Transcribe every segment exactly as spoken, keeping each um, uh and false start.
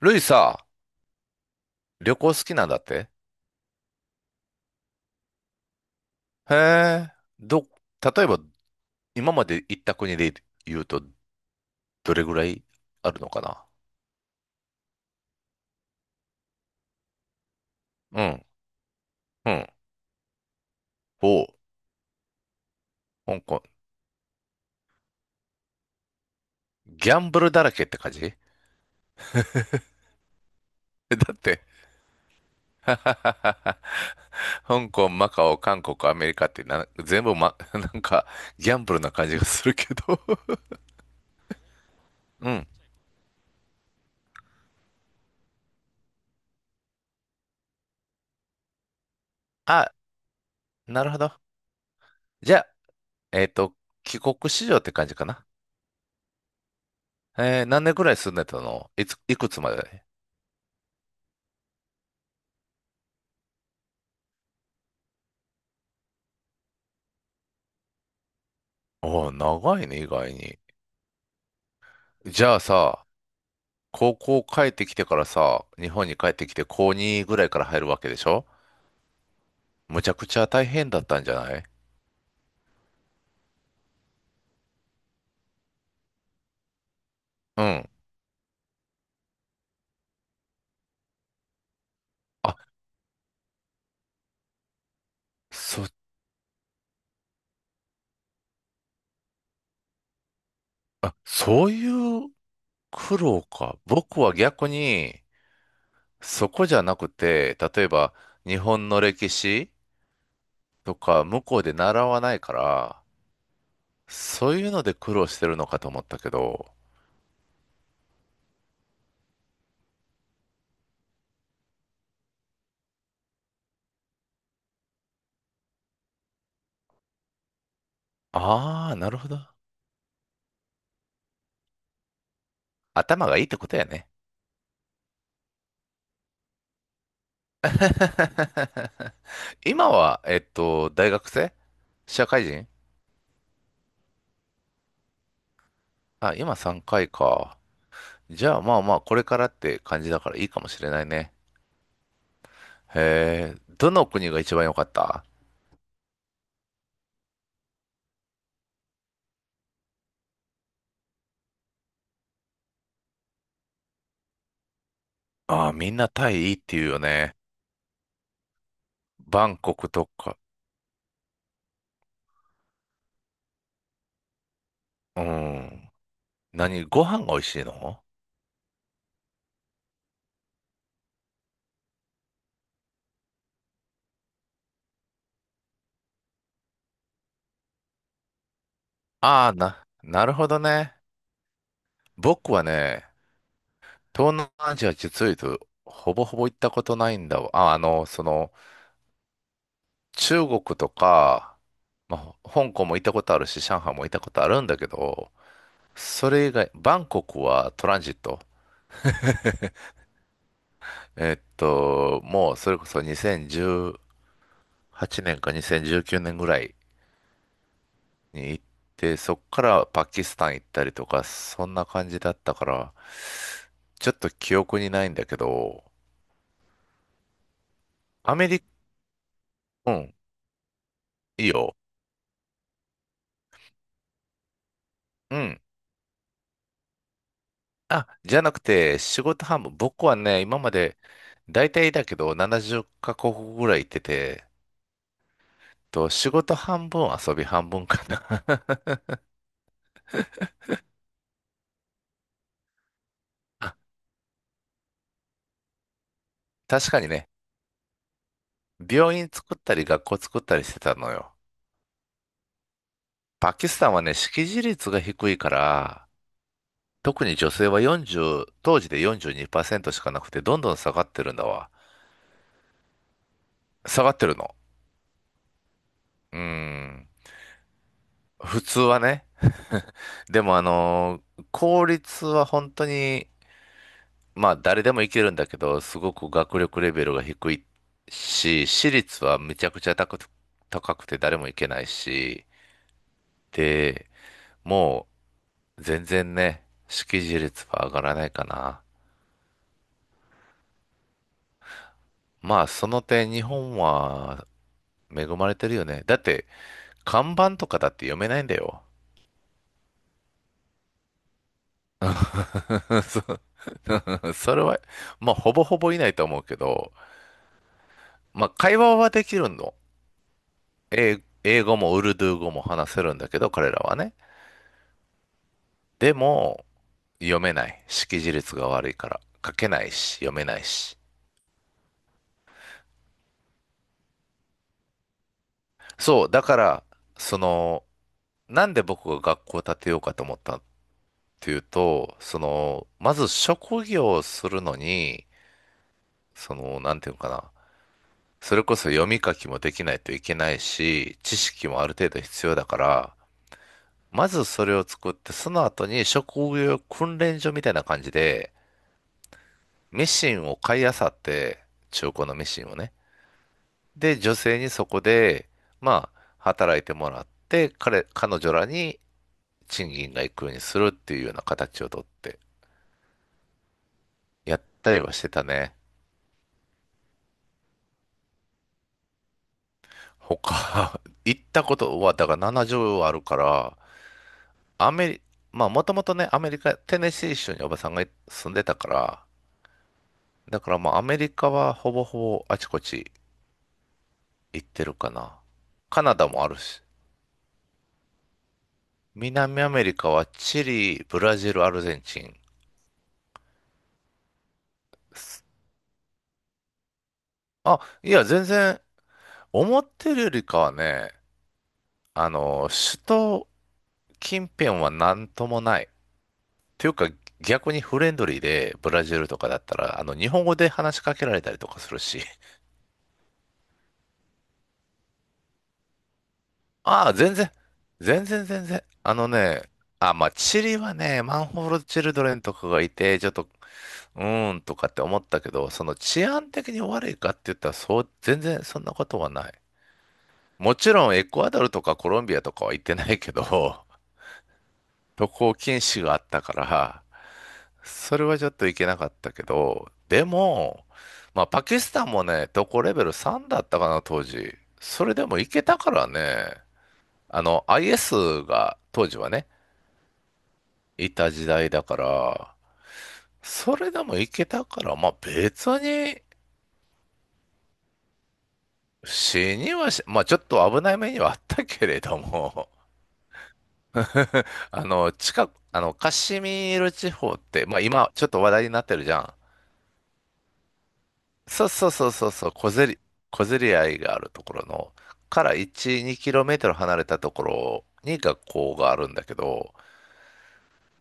ルイさ、旅行好きなんだって。へえ、ど、例えば今まで行った国で言うと、どれぐらいあるのかな？うん、うん。おう、香港。ギャンブルだらけって感じ？えだって、ははははは 香港、マカオ、韓国、アメリカってな、全部ま、なんかギャンブルな感じがするけど。 うん。あ、なるほど。じゃあ、えっと、帰国子女って感じかな？えー、何年ぐらい住んでたの？いつ、いくつまで？ああ、長いね、意外に。じゃあさ、高校帰ってきてからさ、日本に帰ってきて高にぐらいから入るわけでしょ？むちゃくちゃ大変だったんじゃない？うん。あ、そ、あ、そういう苦労か。僕は逆に、そこじゃなくて、例えば日本の歴史とか向こうで習わないから、そういうので苦労してるのかと思ったけど。ああ、なるほど。頭がいいってことやね。今は、えっと、大学生？社会人？あ、今さんかいか、いか。じゃあまあまあ、これからって感じだからいいかもしれないね。へえ、どの国が一番良かった？ああ、みんなタイいいって言うよね。バンコクとか。うん。何、ご飯が美味しいの？ああ、な、なるほどね。僕はね、東南アジア、実を言うと、ほぼほぼ行ったことないんだわ。あ、あの、その、中国とか、まあ、香港も行ったことあるし、上海も行ったことあるんだけど、それ以外、バンコクはトランジット。えっと、もうそれこそにせんじゅうはちねんかにせんじゅうきゅうねんぐらいに行って、そっからパキスタン行ったりとか、そんな感じだったから、ちょっと記憶にないんだけど、アメリカ、うん、いいよ。うん。あ、じゃなくて、仕事半分、僕はね、今まで、大体だけど、ななじゅうカ国ぐらい行ってて、と、仕事半分、遊び半分かな。確かにね、病院作ったり学校作ったりしてたのよ。パキスタンはね、識字率が低いから、特に女性はよんじゅう、当時でよんじゅうにパーセントしかなくて、どんどん下がってるんだわ。下がってるの。うーん。普通はね。でもあのー公立は本当に、まあ誰でもいけるんだけど、すごく学力レベルが低いし、私立はめちゃくちゃ高く高くて誰もいけないし、で、もう、全然ね、識字率は上がらないかな。まあ、その点、日本は恵まれてるよね。だって、看板とかだって読めないんだよ。それは、まあ、ほぼほぼいないと思うけど、まあ、会話はできるの。英、英語もウルドゥー語も話せるんだけど、彼らはね。でも、読めない。識字率が悪いから。書けないし、読めないし。そう、だから、その、なんで僕が学校を建てようかと思ったっていうと、その、まず職業をするのに、その、なんていうのかな。それこそ読み書きもできないといけないし、知識もある程度必要だから、まずそれを作って、その後に職業訓練所みたいな感じで、ミシンを買い漁って、中古のミシンをね。で、女性にそこで、まあ、働いてもらって、彼、彼女らに賃金が行くようにするっていうような形をとって、やったりはしてたね。他、行ったことは、だからななじゅうあるから、アメリ、まあもともとね、アメリカ、テネシー州におばさんが住んでたから、だからまあアメリカはほぼほぼあちこち行ってるかな。カナダもあるし、南アメリカはチリ、ブラジル、アルゼンチン。あ、いや、全然、思ってるよりかはね、あの、首都近辺はなんともない。ていうか、逆にフレンドリーで、ブラジルとかだったら、あの、日本語で話しかけられたりとかするし。ああ、全然、全然全然。あのね、あ、まあ、チリはね、マンホールチルドレンとかがいて、ちょっと、うーんとかって思ったけど、その治安的に悪いかって言ったら、そう、全然そんなことはない。もちろん、エクアドルとかコロンビアとかは行ってないけど、渡航禁止があったから、それはちょっといけなかったけど、でも、まあ、パキスタンもね、どこレベルさんだったかな、当時。それでもいけたからね、あの、アイエス が当時はね、いた時代だから、それでもいけたから、まあ、別に死にはし、まあ、ちょっと危ない目にはあったけれども。あの、近く、あの、カシミール地方って、まあ、今、ちょっと話題になってるじゃん。そうそうそうそうそう、小競り、小競り合いがあるところの、からいち、にキロメートル離れたところに学校があるんだけど、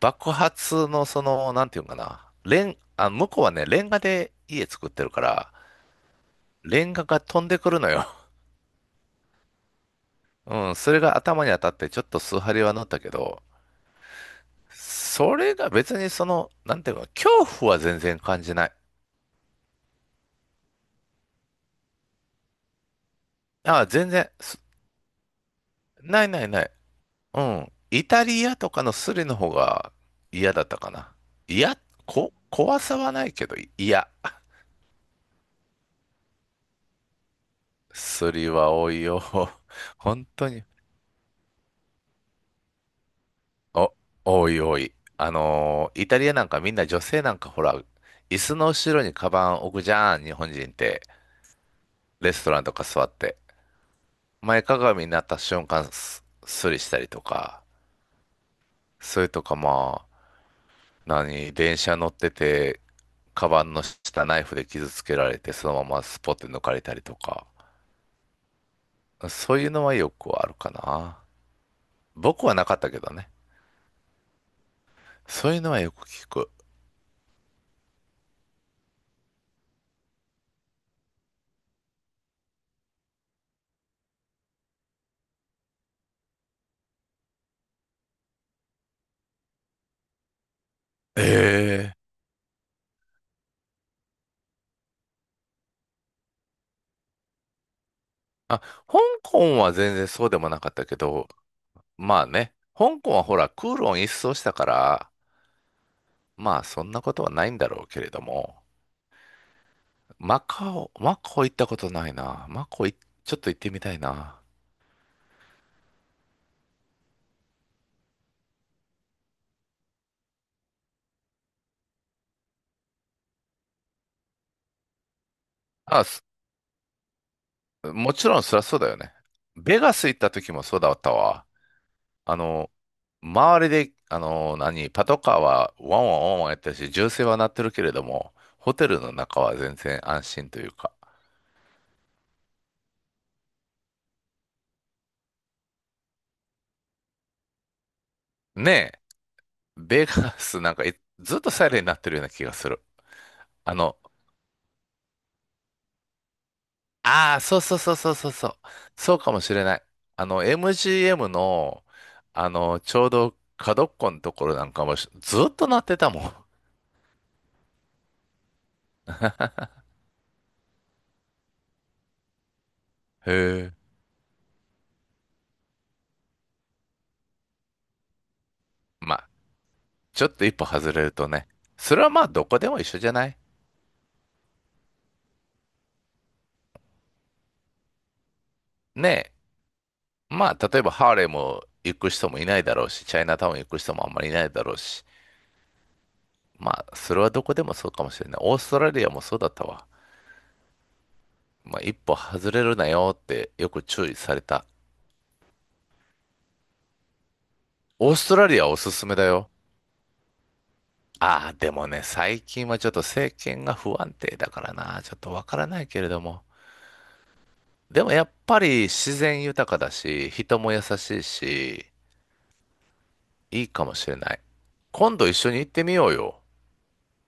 爆発のその、なんていうのかな、レン、あ、向こうはね、レンガで家作ってるから、レンガが飛んでくるのよ。うん、それが頭に当たってちょっと数針は乗ったけど、それが別にその、なんていうの、恐怖は全然感じない。あ、全然、すないないない。うん。イタリアとかのスリの方が嫌だったかな。嫌、こ、怖さはないけど、い嫌。スリは多いよ。本当に。お、多い多い。あのーイタリアなんかみんな女性なんかほら、椅子の後ろにカバン置くじゃん、日本人って。レストランとか座って。前かがみになった瞬間、ススリしたりとか。それとかま何、電車乗ってて、カバンの下ナイフで傷つけられて、そのままスポッて抜かれたりとか、そういうのはよくあるかな。僕はなかったけどね。そういうのはよく聞く。ええ、あ、香港は全然そうでもなかったけど、まあね、香港はほら、クーロン一掃したから、まあそんなことはないんだろうけれども、マカオ、マカオ行ったことないな。マカオ、いちょっと行ってみたいな。あ、もちろんそりゃそうだよね。ベガス行った時もそうだったわ。あの、周りで、あの、何、パトカーはワンワンワンワンやってるし、銃声は鳴ってるけれども、ホテルの中は全然安心というか。ねえ、ベガスなんかいずっとサイレンになってるような気がする。あの、ああ、そうそうそうそうそうそう。そうかもしれない。あの、エムジーエム の、あの、ちょうど角っこのところなんかもしずっと鳴ってたもん。へえ。まあちょっと一歩外れるとね、それはまあどこでも一緒じゃない？ねえ、まあ例えばハーレムも行く人もいないだろうし、チャイナタウン行く人もあんまりいないだろうし、まあそれはどこでもそうかもしれない。オーストラリアもそうだったわ。まあ一歩外れるなよってよく注意された。オーストラリアおすすめだよ。ああ、でもね、最近はちょっと政権が不安定だからな、ちょっとわからないけれども。でもやっぱり自然豊かだし、人も優しいし、いいかもしれない。今度一緒に行ってみようよ。